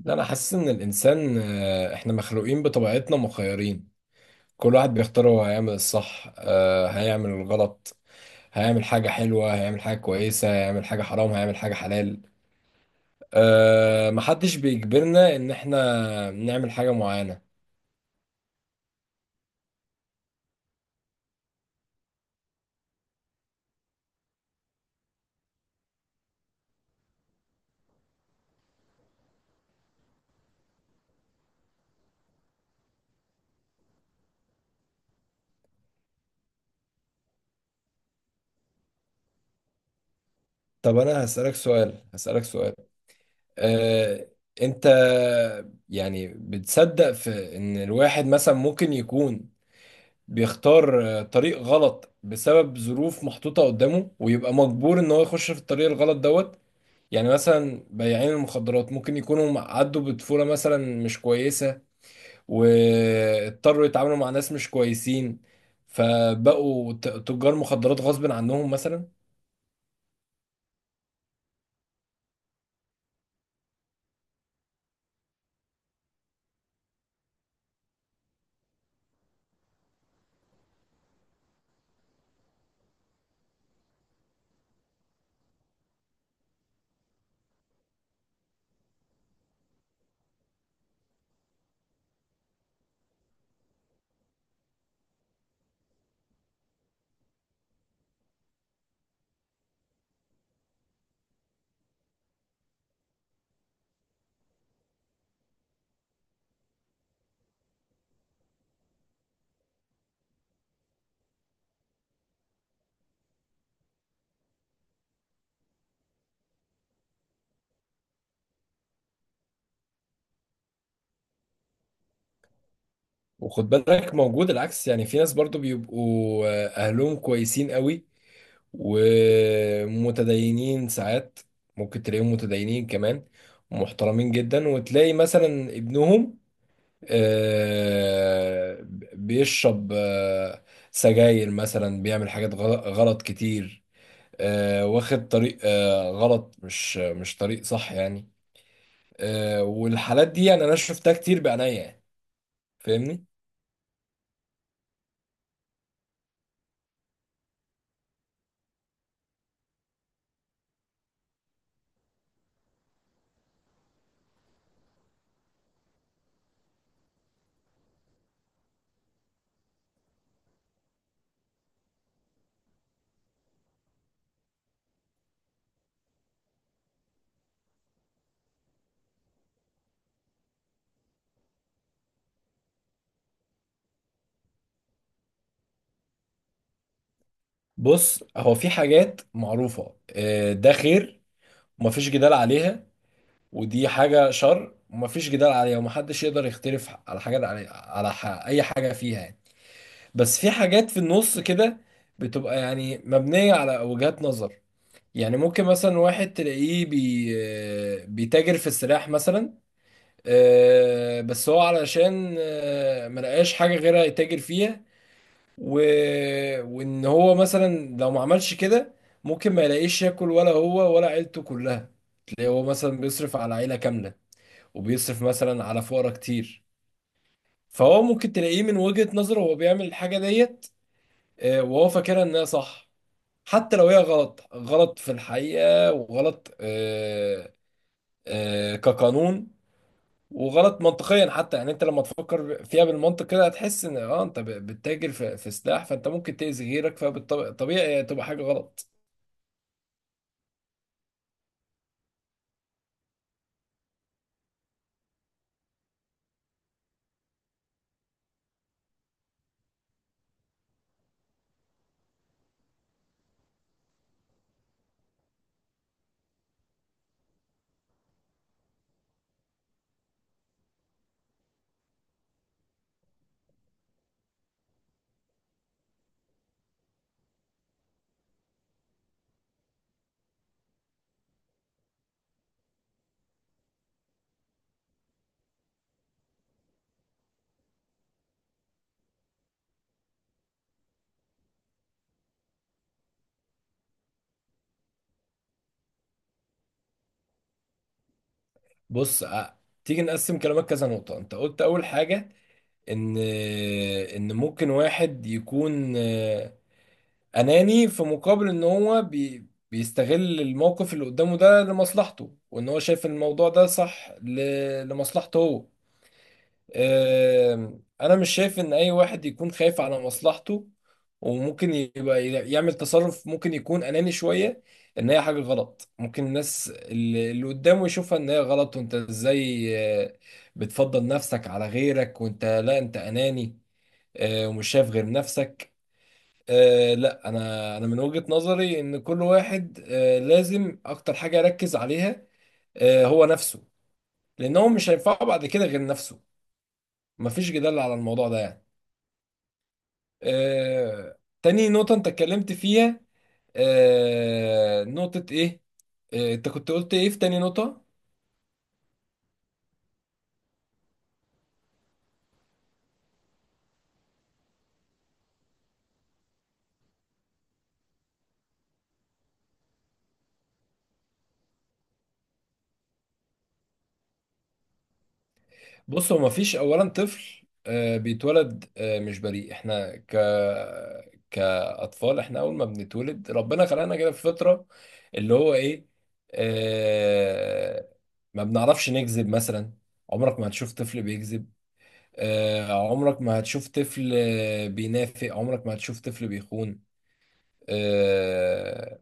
لا، انا حاسس ان الانسان احنا مخلوقين بطبيعتنا مخيرين. كل واحد بيختار هو هيعمل الصح، هيعمل الغلط، هيعمل حاجة حلوة، هيعمل حاجة كويسة، هيعمل حاجة حرام، هيعمل حاجة حلال. محدش بيجبرنا ان احنا نعمل حاجة معينة. طب انا هسألك سؤال، آه، انت يعني بتصدق في ان الواحد مثلا ممكن يكون بيختار طريق غلط بسبب ظروف محطوطة قدامه، ويبقى مجبور ان هو يخش في الطريق الغلط دوت؟ يعني مثلا بياعين المخدرات ممكن يكونوا عدوا بطفولة مثلا مش كويسة، واضطروا يتعاملوا مع ناس مش كويسين، فبقوا تجار مخدرات غصب عنهم مثلا. وخد بالك موجود العكس، يعني في ناس برضو بيبقوا اهلهم كويسين قوي ومتدينين ساعات، ممكن تلاقيهم متدينين كمان ومحترمين جدا، وتلاقي مثلا ابنهم آه، بيشرب سجاير مثلا، بيعمل حاجات غلط كتير، واخد طريق غلط، مش طريق صح يعني. والحالات دي يعني انا شفتها كتير بعينيا يعني. فاهمني؟ بص، هو في حاجات معروفة، ده خير ومفيش جدال عليها، ودي حاجة شر ومفيش جدال عليها، ومحدش يقدر يختلف على حاجة، أي حاجة فيها يعني. بس في حاجات في النص كده بتبقى يعني مبنية على وجهات نظر. يعني ممكن مثلا واحد تلاقيه بيتاجر في السلاح مثلا، بس هو علشان ملقاش حاجة غيرها يتاجر فيها، و... وإن هو مثلا لو ما عملش كده ممكن ما يلاقيش ياكل، ولا هو ولا عيلته كلها. تلاقيه هو مثلا بيصرف على عيلة كاملة، وبيصرف مثلا على فقرا كتير. فهو ممكن تلاقيه من وجهة نظره هو بيعمل الحاجة ديت، وهو فاكرها انها صح. حتى لو هي غلط، غلط في الحقيقة، وغلط كقانون، وغلط منطقيا حتى. يعني انت لما تفكر فيها بالمنطق كده هتحس ان انت بتتاجر في سلاح، فانت ممكن تأذي غيرك، فطبيعي تبقى حاجة غلط. بص، تيجي نقسم كلامك كذا نقطة. انت قلت اول حاجة ان ممكن واحد يكون اناني، في مقابل ان هو بيستغل الموقف اللي قدامه ده لمصلحته، وان هو شايف ان الموضوع ده صح لمصلحته هو. انا مش شايف ان اي واحد يكون خايف على مصلحته وممكن يبقى يعمل تصرف ممكن يكون اناني شوية، ان هي حاجة غلط، ممكن الناس اللي قدامه يشوفها ان هي غلط. وانت ازاي آه، بتفضل نفسك على غيرك؟ وانت لا، انت اناني ومش شايف غير نفسك. لا، انا من وجهة نظري ان كل واحد لازم اكتر حاجة يركز عليها هو نفسه، لان هو مش هينفعه بعد كده غير نفسه. مفيش جدال على الموضوع ده يعني. تاني نقطة انت اتكلمت فيها، نقطة ايه؟ انت كنت قلت ايه في تاني نقطة؟ بص، هو مفيش اولا طفل بيتولد مش بريء. احنا كاطفال، احنا اول ما بنتولد ربنا خلقنا كده في فطره، اللي هو ايه؟ آه، ما بنعرفش نكذب مثلا. عمرك ما هتشوف طفل بيكذب، عمرك ما هتشوف طفل بينافق، عمرك ما هتشوف طفل بيخون. آه،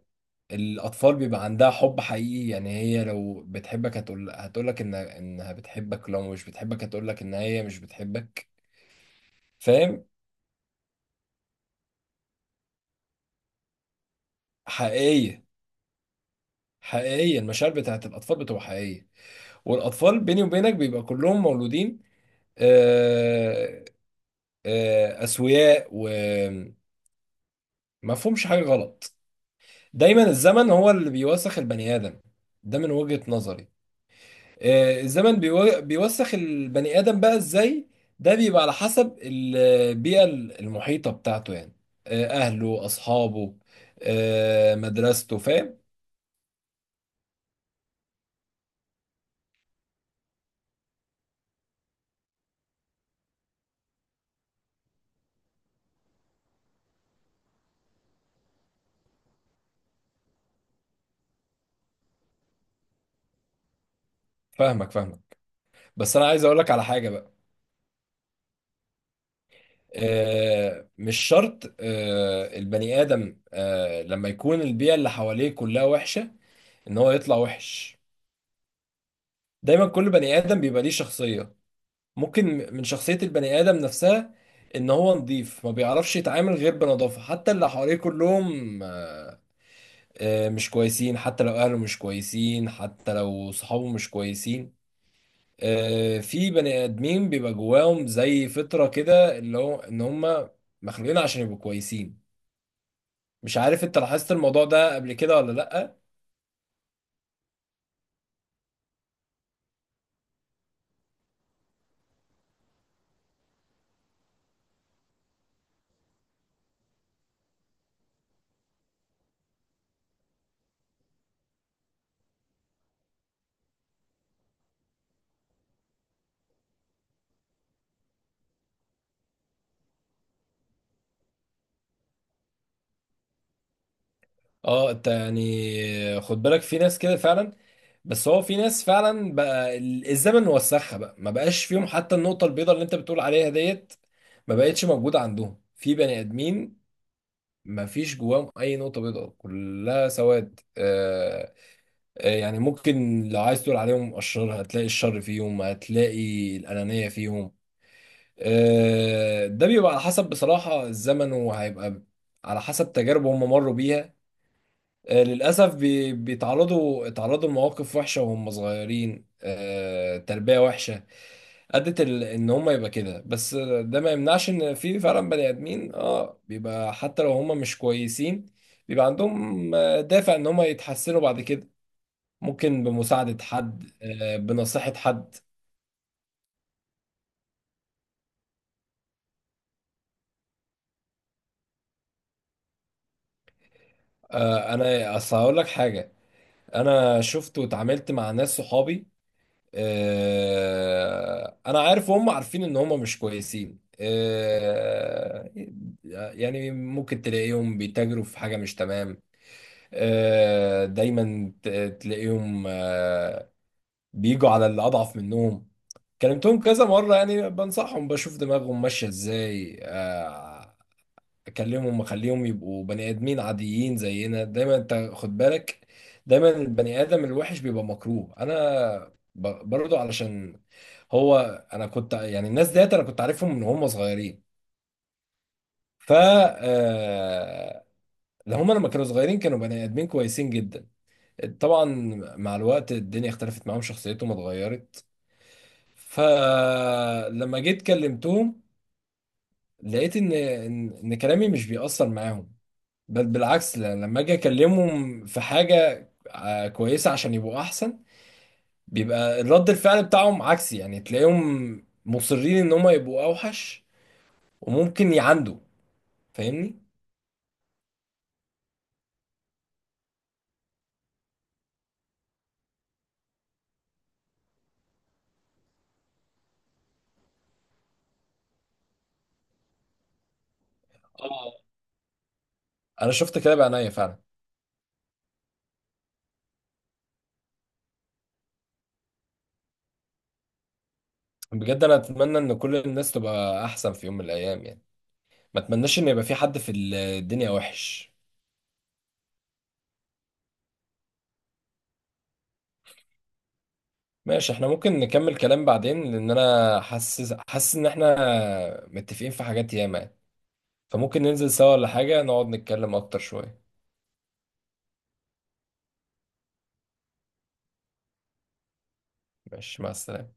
الأطفال بيبقى عندها حب حقيقي. يعني هي لو بتحبك هتقول، هتقولك إنها بتحبك، لو مش بتحبك هتقولك إن هي مش بتحبك. فاهم؟ حقيقية، حقيقية. المشاعر بتاعت الأطفال بتبقى حقيقية، والأطفال بيني وبينك بيبقى كلهم مولودين آه، أسوياء، ومفهومش حاجة غلط. دايما الزمن هو اللي بيوسخ البني آدم، ده من وجهة نظري. الزمن بيوسخ البني آدم بقى ازاي؟ ده بيبقى على حسب البيئة المحيطة بتاعته يعني، أهله، أصحابه، مدرسته. فاهم؟ فاهمك، فاهمك. بس أنا عايز أقولك على حاجة بقى. مش شرط البني آدم لما يكون البيئة اللي حواليه كلها وحشة إن هو يطلع وحش. دايما كل بني آدم بيبقى ليه شخصية، ممكن من شخصية البني آدم نفسها إن هو نضيف، ما بيعرفش يتعامل غير بنظافة، حتى اللي حواليه كلهم مش كويسين، حتى لو أهله مش كويسين، حتى لو صحابه مش كويسين. في بني آدمين بيبقى جواهم زي فطرة كده، اللي هو إن هم مخلوقين عشان يبقوا كويسين. مش عارف أنت لاحظت الموضوع ده قبل كده ولا لأ؟ اه، انت يعني خد بالك في ناس كده فعلا. بس هو في ناس فعلا بقى الزمن وسخها بقى، ما بقاش فيهم حتى النقطة البيضاء اللي انت بتقول عليها ديت، ما بقتش موجودة عندهم. في بني ادمين ما فيش جواهم اي نقطة بيضاء، كلها سواد. يعني ممكن لو عايز تقول عليهم اشرار، هتلاقي الشر فيهم، هتلاقي الانانية فيهم. ده بيبقى على حسب بصراحة الزمن، وهيبقى على حسب تجارب هم مروا بيها. للأسف بي- بيتعرضوا اتعرضوا لمواقف وحشة وهم صغيرين، تربية وحشة أدت إن هم يبقى كده. بس ده ما يمنعش إن في فعلا بني آدمين بيبقى حتى لو هم مش كويسين، بيبقى عندهم دافع إن هم يتحسنوا بعد كده، ممكن بمساعدة حد، بنصيحة حد. أنا أصل هقول لك حاجة. أنا شفت واتعاملت مع ناس صحابي، انا عارف وهم عارفين ان هم مش كويسين، يعني ممكن تلاقيهم بيتاجروا في حاجة مش تمام. دايما تلاقيهم بيجوا على اللي اضعف منهم. كلمتهم كذا مرة يعني، بنصحهم، بشوف دماغهم ماشية ازاي، اكلمهم واخليهم يبقوا بني ادمين عاديين زينا. دايما انت خد بالك، دايما البني ادم الوحش بيبقى مكروه. انا برضو علشان هو، انا كنت يعني، الناس ديت انا كنت عارفهم من هم صغيرين. ف آه، ده هم لما كانوا صغيرين كانوا بني ادمين كويسين جدا. طبعا مع الوقت الدنيا اختلفت معاهم، شخصيتهم اتغيرت. فلما جيت كلمتهم لقيت ان ان إن كلامي مش بيأثر معاهم. بل بالعكس، لما اجي اكلمهم في حاجه كويسه عشان يبقوا احسن، بيبقى رد الفعل بتاعهم عكسي. يعني تلاقيهم مصرين ان هم يبقوا اوحش، وممكن يعندوا. فاهمني؟ اه، انا شفت كده بعينيا فعلا. بجد انا اتمنى ان كل الناس تبقى احسن في يوم من الايام يعني، ما اتمناش ان يبقى في حد في الدنيا وحش. ماشي، احنا ممكن نكمل كلام بعدين، لان انا حاسس ان احنا متفقين في حاجات ياما يعني. فممكن ننزل سوا، ولا حاجه نقعد نتكلم اكتر شويه؟ ماشي، مع السلامة.